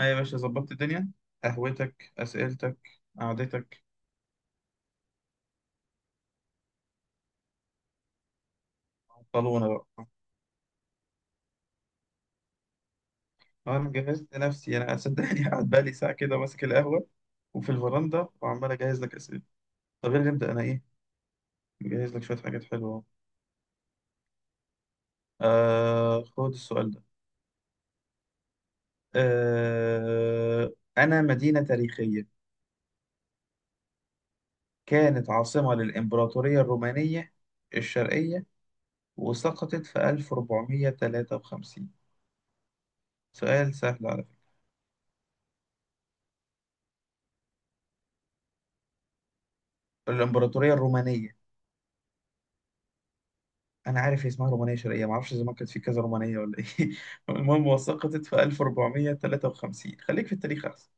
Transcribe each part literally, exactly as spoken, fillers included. أيوة يا باشا، ظبطت الدنيا. قهوتك أسئلتك قعدتك. طلونا بقى. أنا جهزت نفسي أنا صدقني قاعد بقالي ساعة كده ماسك القهوة وفي الفرندا وعمال أجهز لك أسئلة. طب يلا نبدأ. أنا إيه مجهز لك شوية حاجات حلوة أهو. آه خد السؤال ده. آه أنا مدينة تاريخية كانت عاصمة للإمبراطورية الرومانية الشرقية وسقطت في ألف وأربعمية وتلاتة وخمسين. سؤال سهل على فكرة. الإمبراطورية الرومانية، انا عارف هي اسمها رومانيه شرقيه، ما اعرفش زمان كانت في كذا رومانيه ولا ايه المهم، وسقطت في ألف وأربعمئة وثلاثة وخمسين. خليك في التاريخ احسن.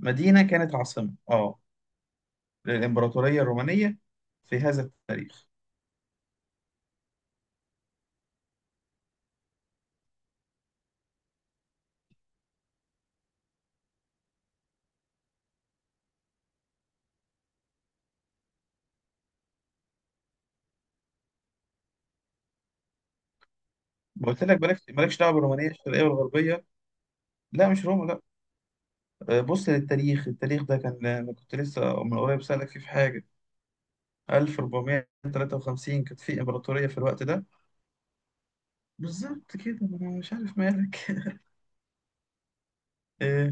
مدينه كانت عاصمه اه للامبراطوريه الرومانيه في هذا التاريخ. ما قلت لك بلاش، مالكش دعوه بالرومانيه الشرقيه والغربيه. لا مش روما لا. آه، بص للتاريخ، التاريخ ده كان، انا كنت لسه من قريب سالك فيه في حاجه. ألف وأربعمية وتلاتة وخمسين كانت في امبراطوريه في الوقت ده. بالظبط كده، ما انا مش عارف مالك آه،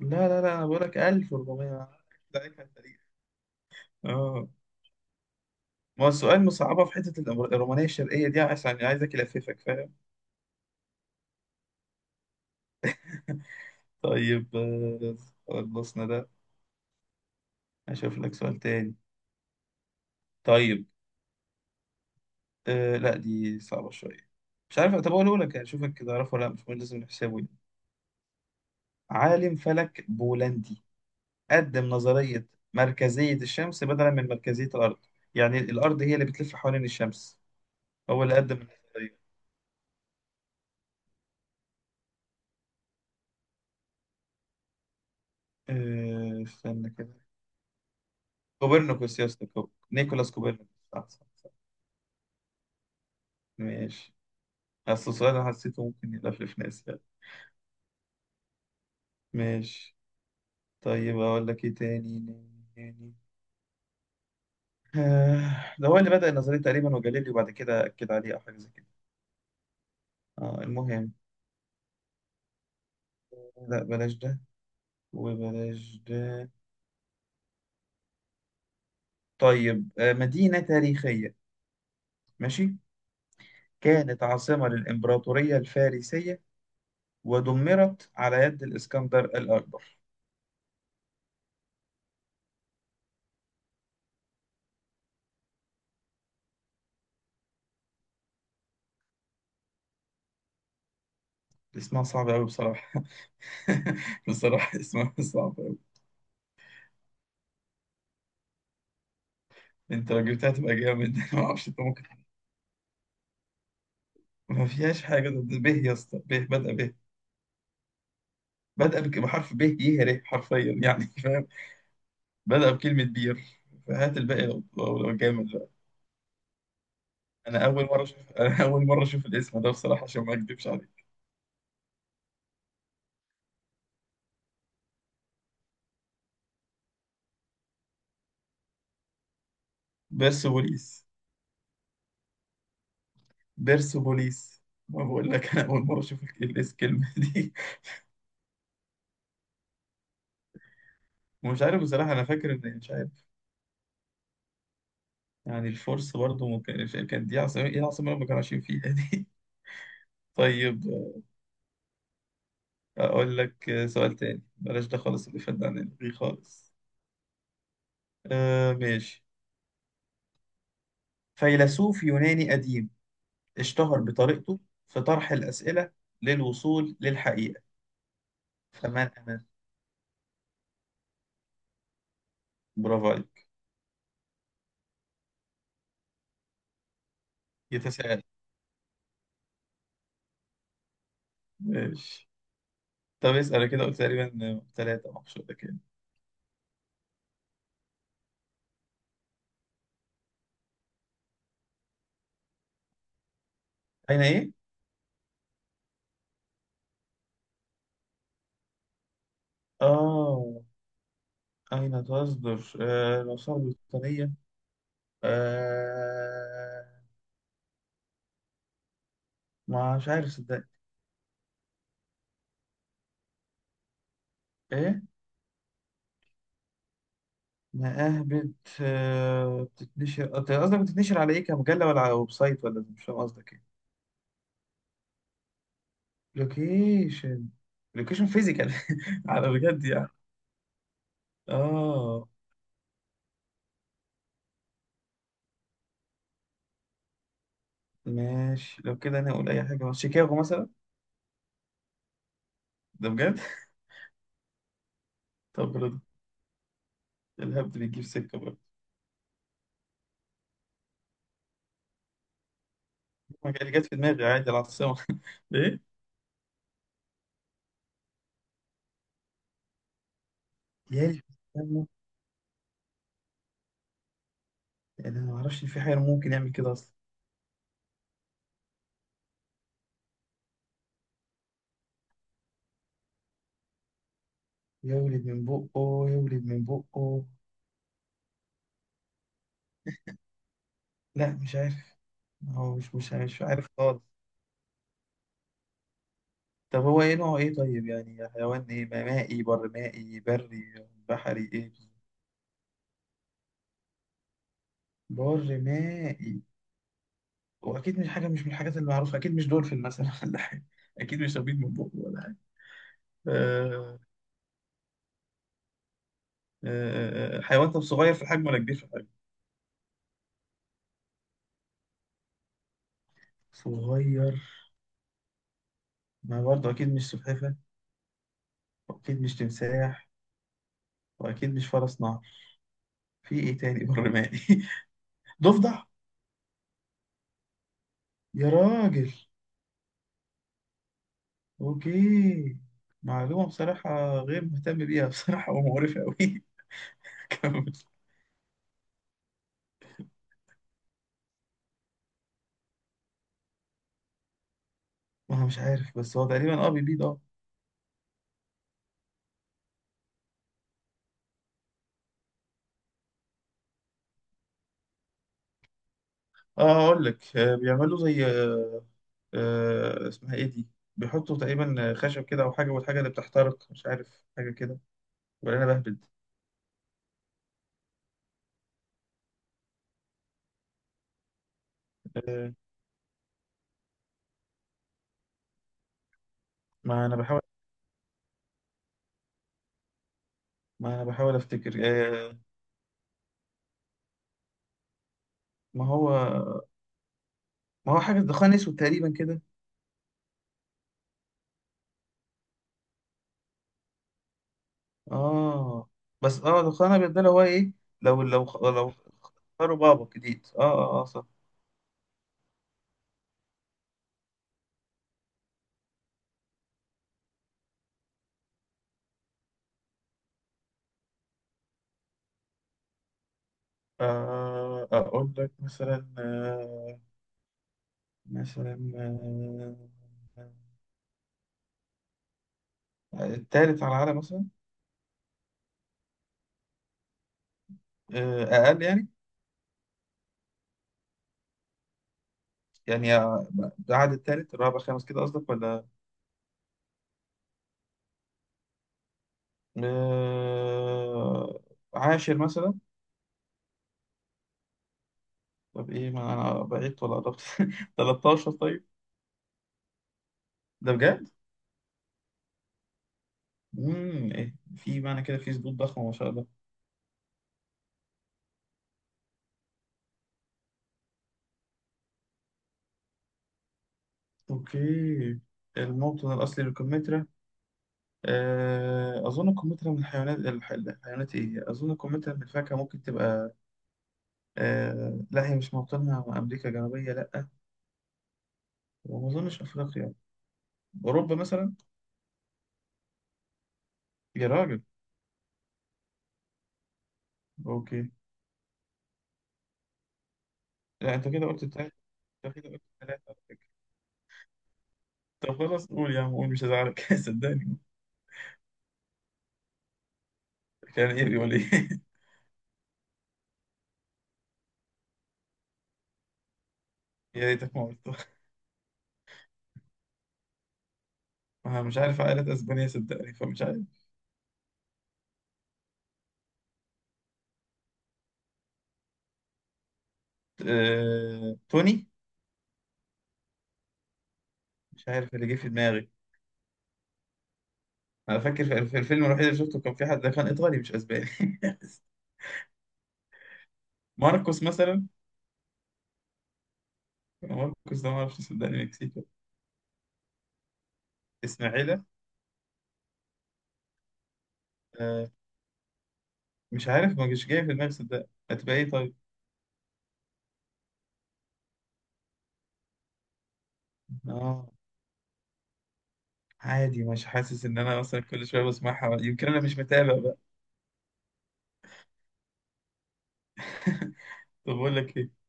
لا لا لا، انا بقول لك ألف وأربعمية عليك على التاريخ. اه ما هو السؤال مصعبة في حتة الأمر- الرومانية الشرقية دي، عشان عايزك ألففك فاهم. طيب آه، خلصنا ده. هشوف لك سؤال تاني. طيب آه لا دي صعبة شوية، مش عارف. طب أقوله لك يعني شوفك كده أعرفه ولا لأ، مش مهم لازم نحسبه يعني. عالم فلك بولندي قدم نظرية مركزية الشمس بدلا من مركزية الأرض. يعني الأرض هي اللي بتلف حوالين الشمس، هو اللي قدم النظرية. آه استنى كده. كوبرنيكوس يا اسطى، كوب- نيكولاس كوبرنيكوس. صح صح صح. ماشي. أصل السؤال أنا حسيته ممكن يلفلف ناس يعني. ماشي. طيب أقول لك إيه تاني. يعني آه، ده هو اللي بدأ النظرية تقريبا، وجاليليو بعد كده أكد عليه أو حاجة زي كده. آه المهم. لا بلاش ده وبلاش ده. طيب آه مدينة تاريخية. ماشي. كانت عاصمة للإمبراطورية الفارسية ودمرت على يد الإسكندر الأكبر. اسمها صعب أوي بصراحة. بصراحة اسمها صعب أوي. أنت لو جبتها تبقى جامد. معرفش أنت ممكن. ما فيهاش حاجة، ده ده به يا اسطى، به بدأ به. بدأ بك- بحرف به، يهره حرفيا يعني فاهم. بدأ بكلمة بير، فهات الباقي لو لو لو جامد بقى. أنا أول مرة أشوف، أنا أول مرة أشوف الاسم ده بصراحة عشان ما أكدبش عليك. بيرسوبوليس بيرسوبوليس. ما بقول لك، أنا أول مرة أشوف ال- الاس الكلمة دي. ومش عارف بصراحة، أنا فاكر إن مش عارف. يعني الفرس برضه ممكن كان دي عاصمة، إيه العاصمة اللي ما كانوا عايشين فيها دي. طيب أقول لك سؤال تاني. بلاش ده خالص، اللي فات ده عن الغي خالص. آه ماشي. فيلسوف يوناني قديم اشتهر بطريقته في طرح الأسئلة للوصول للحقيقة، فمن أنا؟ برافو عليك. يتساءل. ماشي. طب اسأل، أنا كده قلت تقريبا ثلاثة مقصودة كده. أين إيه؟ آه أين تصدر آه، الآثار البريطانية؟ آه مش عارف صدق. إيه؟ مآهبت. آه، بتتنشر أنت، قصدك بتتنشر على إيه، كمجلة ولا على ويب سايت، ولا مش فاهم قصدك إيه؟ لوكيشن. لوكيشن فيزيكال. على بجد يعني. اه ماشي، لو كده انا اقول اي حاجه، مثلا شيكاغو مثلا. ده بجد. طب برضه، الهبد بيجيب سكه برضه. ما جا- اللي جت في دماغي عادي العاصمه. ايه. يا اللي بيستنوا، انا ما اعرفش إن في حاجه ممكن يعمل كده اصلا. يولد من بقه، يولد من بقه. لا مش عارف. هو مش مش مش عارف خالص. طب هو ايه نوعه، ايه طيب، يعني حيوان ايه، مائي بر مائي بري بحري ايه. بر مائي. واكيد مش حاجه، مش من الحاجات المعروفه، اكيد مش دولفين مثلا ولا حاجه. اكيد مش سبيط من بقه ولا حاجه. آه، آه، آه، حيوان، طب صغير في الحجم ولا كبير في الحجم. صغير. ما برضه اكيد مش سلحفاه، واكيد مش تمساح، واكيد مش فرس نهر. في ايه تاني بر مائي؟ ضفدع. يا راجل. اوكي. معلومه بصراحه غير مهتم بيها بصراحه ومقرفه قوي. كمل. ما هو مش عارف، بس هو تقريبا اه بيبيض اه. اه اقول لك آه، بيعملوا زي آه، آه، اسمها ايه دي. بيحطوا تقريبا خشب كده او حاجه، والحاجه اللي بتحترق، مش عارف حاجه كده، ولا انا بهبد. آه، ما انا بحاول ما انا بحاول افتكر. آه، ما هو ما هو حاجه دخان اسود تقريبا كده. اه بس اه دخان ابيض ده اللي هو ايه. لو لو لو اختاروا بابا جديد. اه، اه، اه، صح. آه، اقول لك مثلا آه، مثلا آه، آه، التالت على العالم مثلا. آه، اقل يعني. يعني يا- ده عدد، تالت الرابع خامس كده قصدك ولا. آه، عاشر مثلا. طب ايه، ما انا بعدت ولا قربت؟ تلتاشر طيب. ده بجد. امم إيه؟ في معنى كده، في سقوط ضخم ما شاء الله. اوكي. الموطن الاصلي للكمثرى. آه، اظن الكمثرى من الحيوانات الح- الحيوانات ايه، اظن الكمثرى من الفاكهه ممكن تبقى. آه، لا، هي مش موطنها امريكا الجنوبيه لا. وما اظنش افريقيا. اوروبا مثلا. يا راجل. اوكي. لا انت كده قلت، ده كده قلت ثلاثة على فكرة. طب خلاص قول يا عم، قول مش هزعلك صدقني. كان ايه، بيقول ايه؟ يا ريتك ما قلته. انا مش عارف عائلة اسبانيا صدقني، فمش عارف. آه... توني. مش عارف اللي جه في دماغي. انا فاكر في في الفيلم الوحيد اللي شفته، كان في حد ده كان ايطالي مش اسباني. ماركوس مثلا. ماركوس ده ما اعرفش صدقني، مكسيكي. اسماعيلة. آه... مش عارف، ما جاش جاي في دماغي صدقني، هتبقى ايه طيب. اه عادي، مش حاسس ان انا مثلا كل شويه بسمعها، يمكن انا مش متابع بقى. طب بقول لك ايه.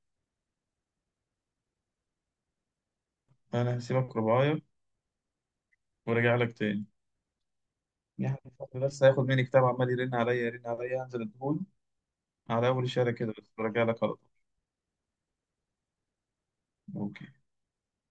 انا هسيبك رباية، ورجع لك تاني. يحيى الفضل بس هياخد مني كتاب، عمال يرن عليا يرن عليا، هنزل اديهوله على اول الشارع كده بس ورجع لك على طول. اوكي